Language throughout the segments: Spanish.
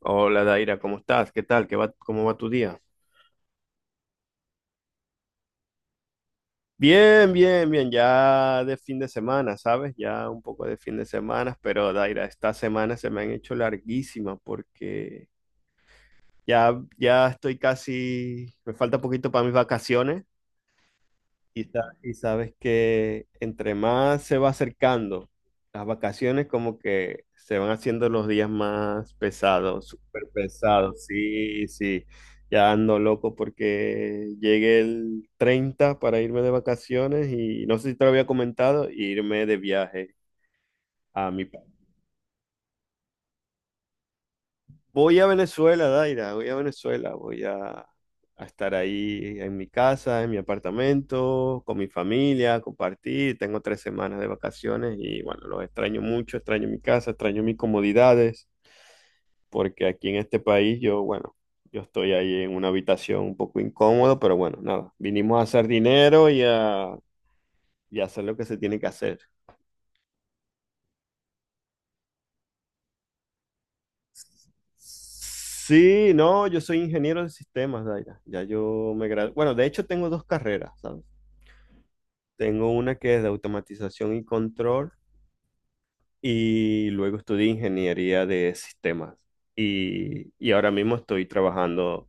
Hola Daira, ¿cómo estás? ¿Qué tal? ¿Qué va, cómo va tu día? Bien, bien, bien, ya de fin de semana, ¿sabes? Ya un poco de fin de semana, pero Daira, estas semanas se me han hecho larguísimas porque ya estoy casi, me falta poquito para mis vacaciones. Y sabes que entre más se va acercando las vacaciones, como que se van haciendo los días más pesados, súper pesados. Sí, sí. Ya ando loco porque llegué el 30 para irme de vacaciones y no sé si te lo había comentado, irme de viaje a mi país. Voy a Venezuela, Daira, voy a Venezuela, voy a estar ahí en mi casa, en mi apartamento, con mi familia, compartir. Tengo 3 semanas de vacaciones y bueno, los extraño mucho, extraño mi casa, extraño mis comodidades, porque aquí en este país yo, bueno, yo estoy ahí en una habitación un poco incómodo, pero bueno, nada, vinimos a hacer dinero y a hacer lo que se tiene que hacer. Sí, no, yo soy ingeniero de sistemas, Daira. Ya yo me gradué. Bueno, de hecho tengo dos carreras, ¿sabes? Tengo una que es de automatización y control y luego estudié ingeniería de sistemas y ahora mismo estoy trabajando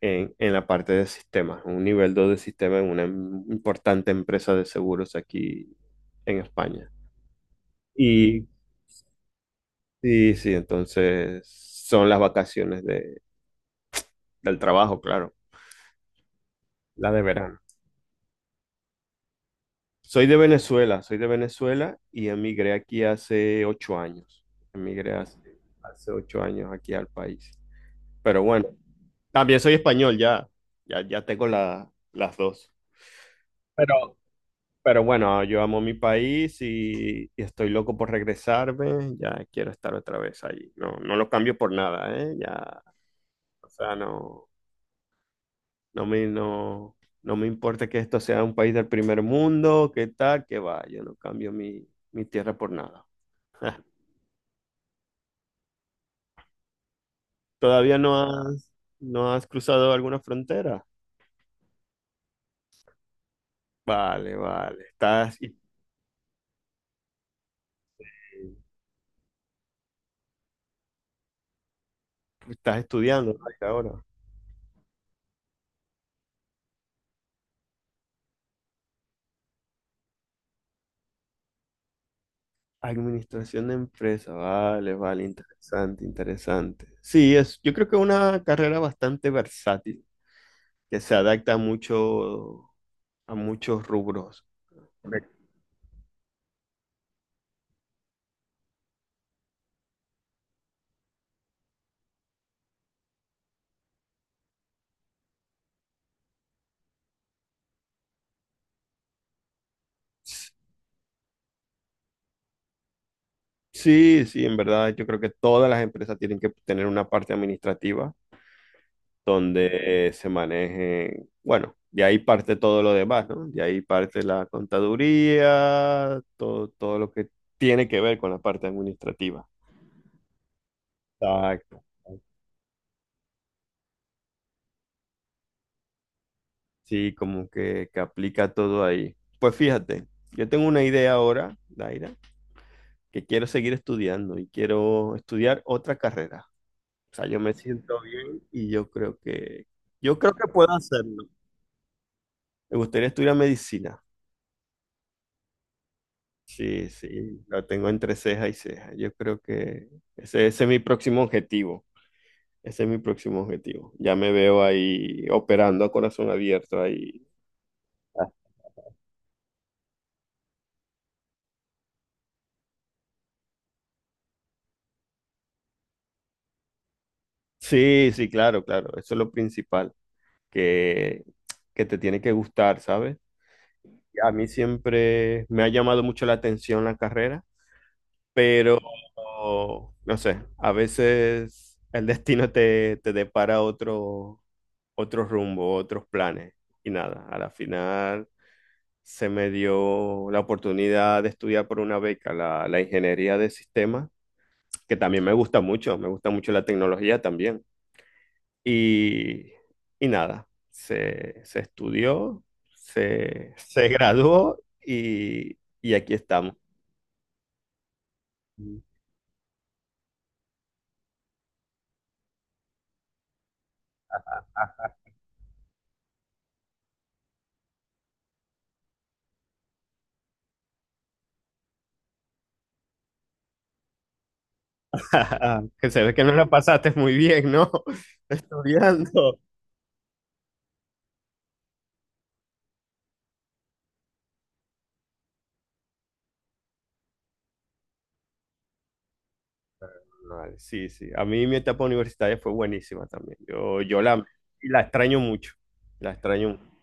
en la parte de sistemas, un nivel 2 de sistema en una importante empresa de seguros aquí en España. Y sí, sí, entonces son las vacaciones del trabajo, claro, la de verano. Soy de Venezuela y emigré aquí hace 8 años. Emigré hace 8 años aquí al país. Pero bueno, también soy español, ya tengo las dos. Pero, pero bueno, yo amo mi país y estoy loco por regresarme. Ya quiero estar otra vez allí. No, no lo cambio por nada, ¿eh? Ya, o sea, no me, no, no me importa que esto sea un país del primer mundo, qué tal, qué va. Yo no cambio mi tierra por nada. ¿Todavía no has cruzado alguna frontera? Vale, vale. Estás estudiando, ¿no?, ahora. Administración de empresa, vale, vale, interesante, interesante. Sí, yo creo que es una carrera bastante versátil, que se adapta mucho a muchos rubros. Correcto. Sí, sí, en verdad, yo creo que todas las empresas tienen que tener una parte administrativa donde se maneje, bueno, de ahí parte todo lo demás, ¿no? De ahí parte la contaduría, todo, todo lo que tiene que ver con la parte administrativa. Exacto. Sí, como que aplica todo ahí. Pues fíjate, yo tengo una idea ahora, Daira, que quiero seguir estudiando y quiero estudiar otra carrera. O sea, yo me siento bien y yo creo que puedo hacerlo. Me gustaría estudiar medicina. Sí, sí, lo tengo entre ceja y ceja. Yo creo que ese es mi próximo objetivo. Ese es mi próximo objetivo. Ya me veo ahí operando a corazón abierto ahí. Ah, sí, sí, claro, claro. Eso es lo principal. que, que te tiene que gustar, ¿sabes? Y a mí siempre me ha llamado mucho la atención la carrera, pero no sé, a veces el destino te depara otro rumbo, otros planes. Y nada, a la final se me dio la oportunidad de estudiar por una beca la ingeniería de sistemas, que también me gusta mucho la tecnología también. Y, y nada, se estudió, se graduó y aquí estamos. Que se ve que no la pasaste muy bien, ¿no? Estudiando. Vale, sí, sí. A mí mi etapa universitaria fue buenísima también. Yo y la extraño mucho. La extraño mucho.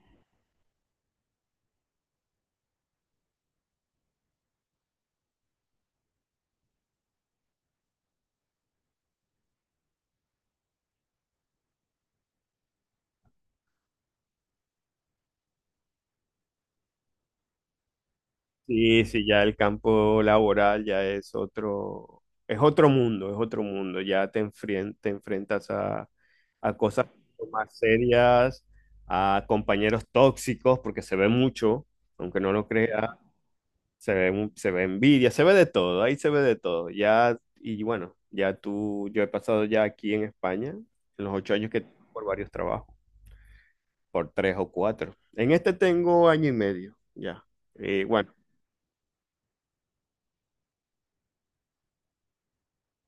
Sí, sí, ya el campo laboral ya es otro mundo, es otro mundo. Ya te enfrentas a cosas mucho más serias, a compañeros tóxicos, porque se ve mucho, aunque no lo crea, se ve, se ve envidia, se ve de todo, ahí se ve de todo. Ya, y bueno, ya tú, yo he pasado ya aquí en España, en los 8 años, que por varios trabajos, por tres o cuatro. En este tengo año y medio, ya. Bueno.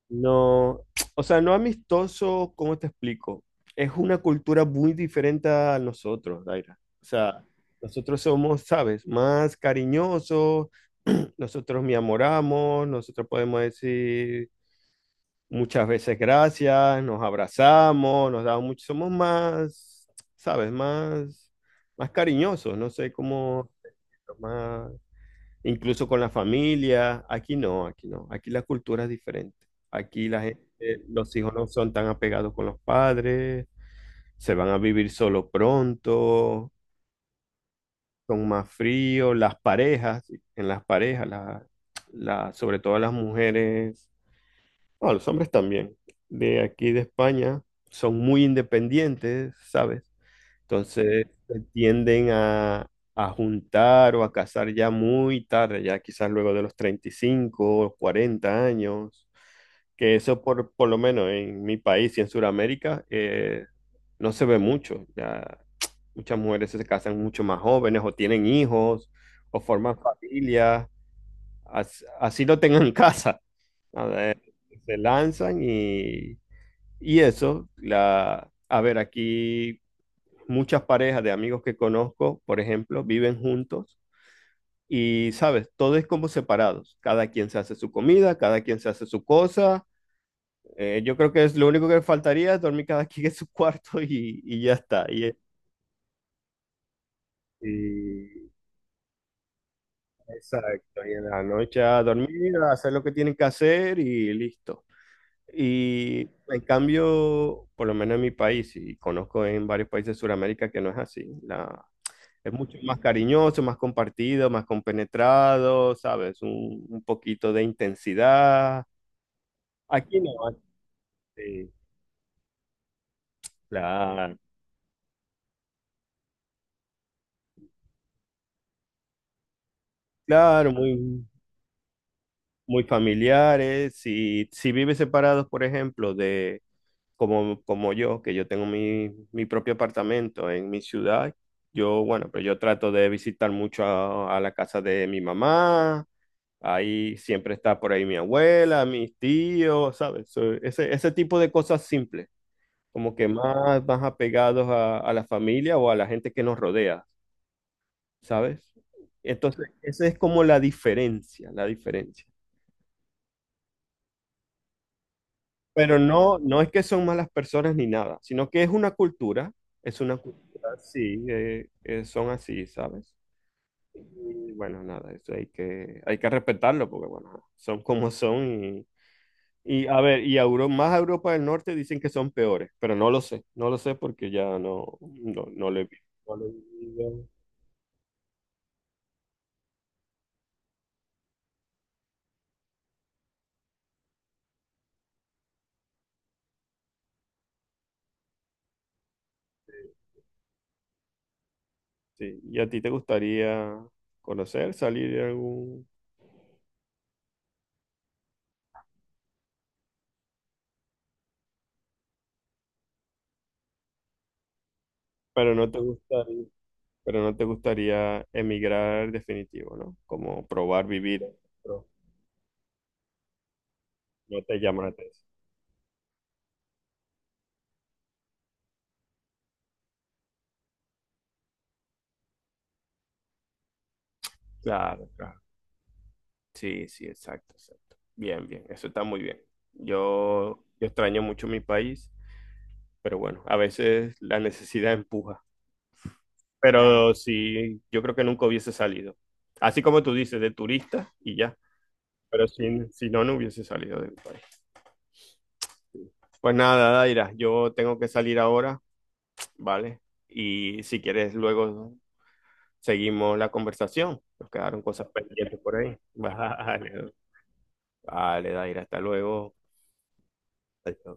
No, o sea, no amistoso, ¿cómo te explico? Es una cultura muy diferente a nosotros, Daira. O sea, nosotros somos, ¿sabes? Más cariñosos, nosotros me amoramos, nosotros podemos decir muchas veces gracias, nos abrazamos, nos damos mucho, somos más, ¿sabes? Más cariñosos, no sé cómo, más, incluso con la familia. Aquí no, aquí no. Aquí la cultura es diferente. Aquí la gente, los hijos no son tan apegados con los padres, se van a vivir solo pronto, son más fríos. Las parejas, en las parejas, sobre todo las mujeres, bueno, los hombres también, de aquí de España, son muy independientes, ¿sabes? Entonces se tienden a juntar o a casar ya muy tarde, ya quizás luego de los 35 o 40 años, que eso por lo menos en mi país y en Sudamérica no se ve mucho. Ya muchas mujeres se casan mucho más jóvenes o tienen hijos o forman familias, así, lo tengan en casa. Se lanzan y eso, a ver, aquí muchas parejas de amigos que conozco, por ejemplo, viven juntos y, sabes, todo es como separados. Cada quien se hace su comida, cada quien se hace su cosa. Yo creo que es lo único que faltaría es dormir cada quien en su cuarto y ya está. Y- exacto, y en la noche a dormir, a hacer lo que tienen que hacer y listo. Y en cambio, por lo menos en mi país, y conozco en varios países de Sudamérica que no es así. Es mucho más cariñoso, más compartido, más compenetrado, ¿sabes? Un poquito de intensidad. Aquí no, sí, claro, claro, muy, muy familiares. Si vives separados, por ejemplo, de como, como yo, que yo tengo mi propio apartamento en mi ciudad, yo, bueno, pero yo trato de visitar mucho a la casa de mi mamá. Ahí siempre está por ahí mi abuela, mis tíos, ¿sabes? Ese tipo de cosas simples. Como que más apegados a la familia o a la gente que nos rodea, ¿sabes? Entonces, esa es como la diferencia, la diferencia. Pero no, no es que son malas personas ni nada, sino que es una cultura, sí, son así, ¿sabes? Y bueno, nada, eso hay que respetarlo porque, bueno, son como son a ver, y a más a Europa del Norte dicen que son peores, pero no lo sé, no lo sé porque ya no lo he visto. Sí, ¿y a ti te gustaría conocer, salir de algún... Pero no te gustaría, pero no te gustaría emigrar definitivo, ¿no? Como probar vivir, pero no te llama la atención. Claro, claro. Sí, sí, exacto, exacto. Bien, bien, eso está muy bien. Yo extraño mucho mi país, pero bueno, a veces la necesidad empuja. Pero sí, yo creo que nunca hubiese salido. Así como tú dices, de turista y ya. Pero si, si no, no hubiese salido de mi país. Pues nada, Daira, yo tengo que salir ahora, ¿vale? Y si quieres, luego seguimos la conversación. Nos quedaron cosas pendientes por ahí. Vale, vale, Daira, hasta luego. Adiós.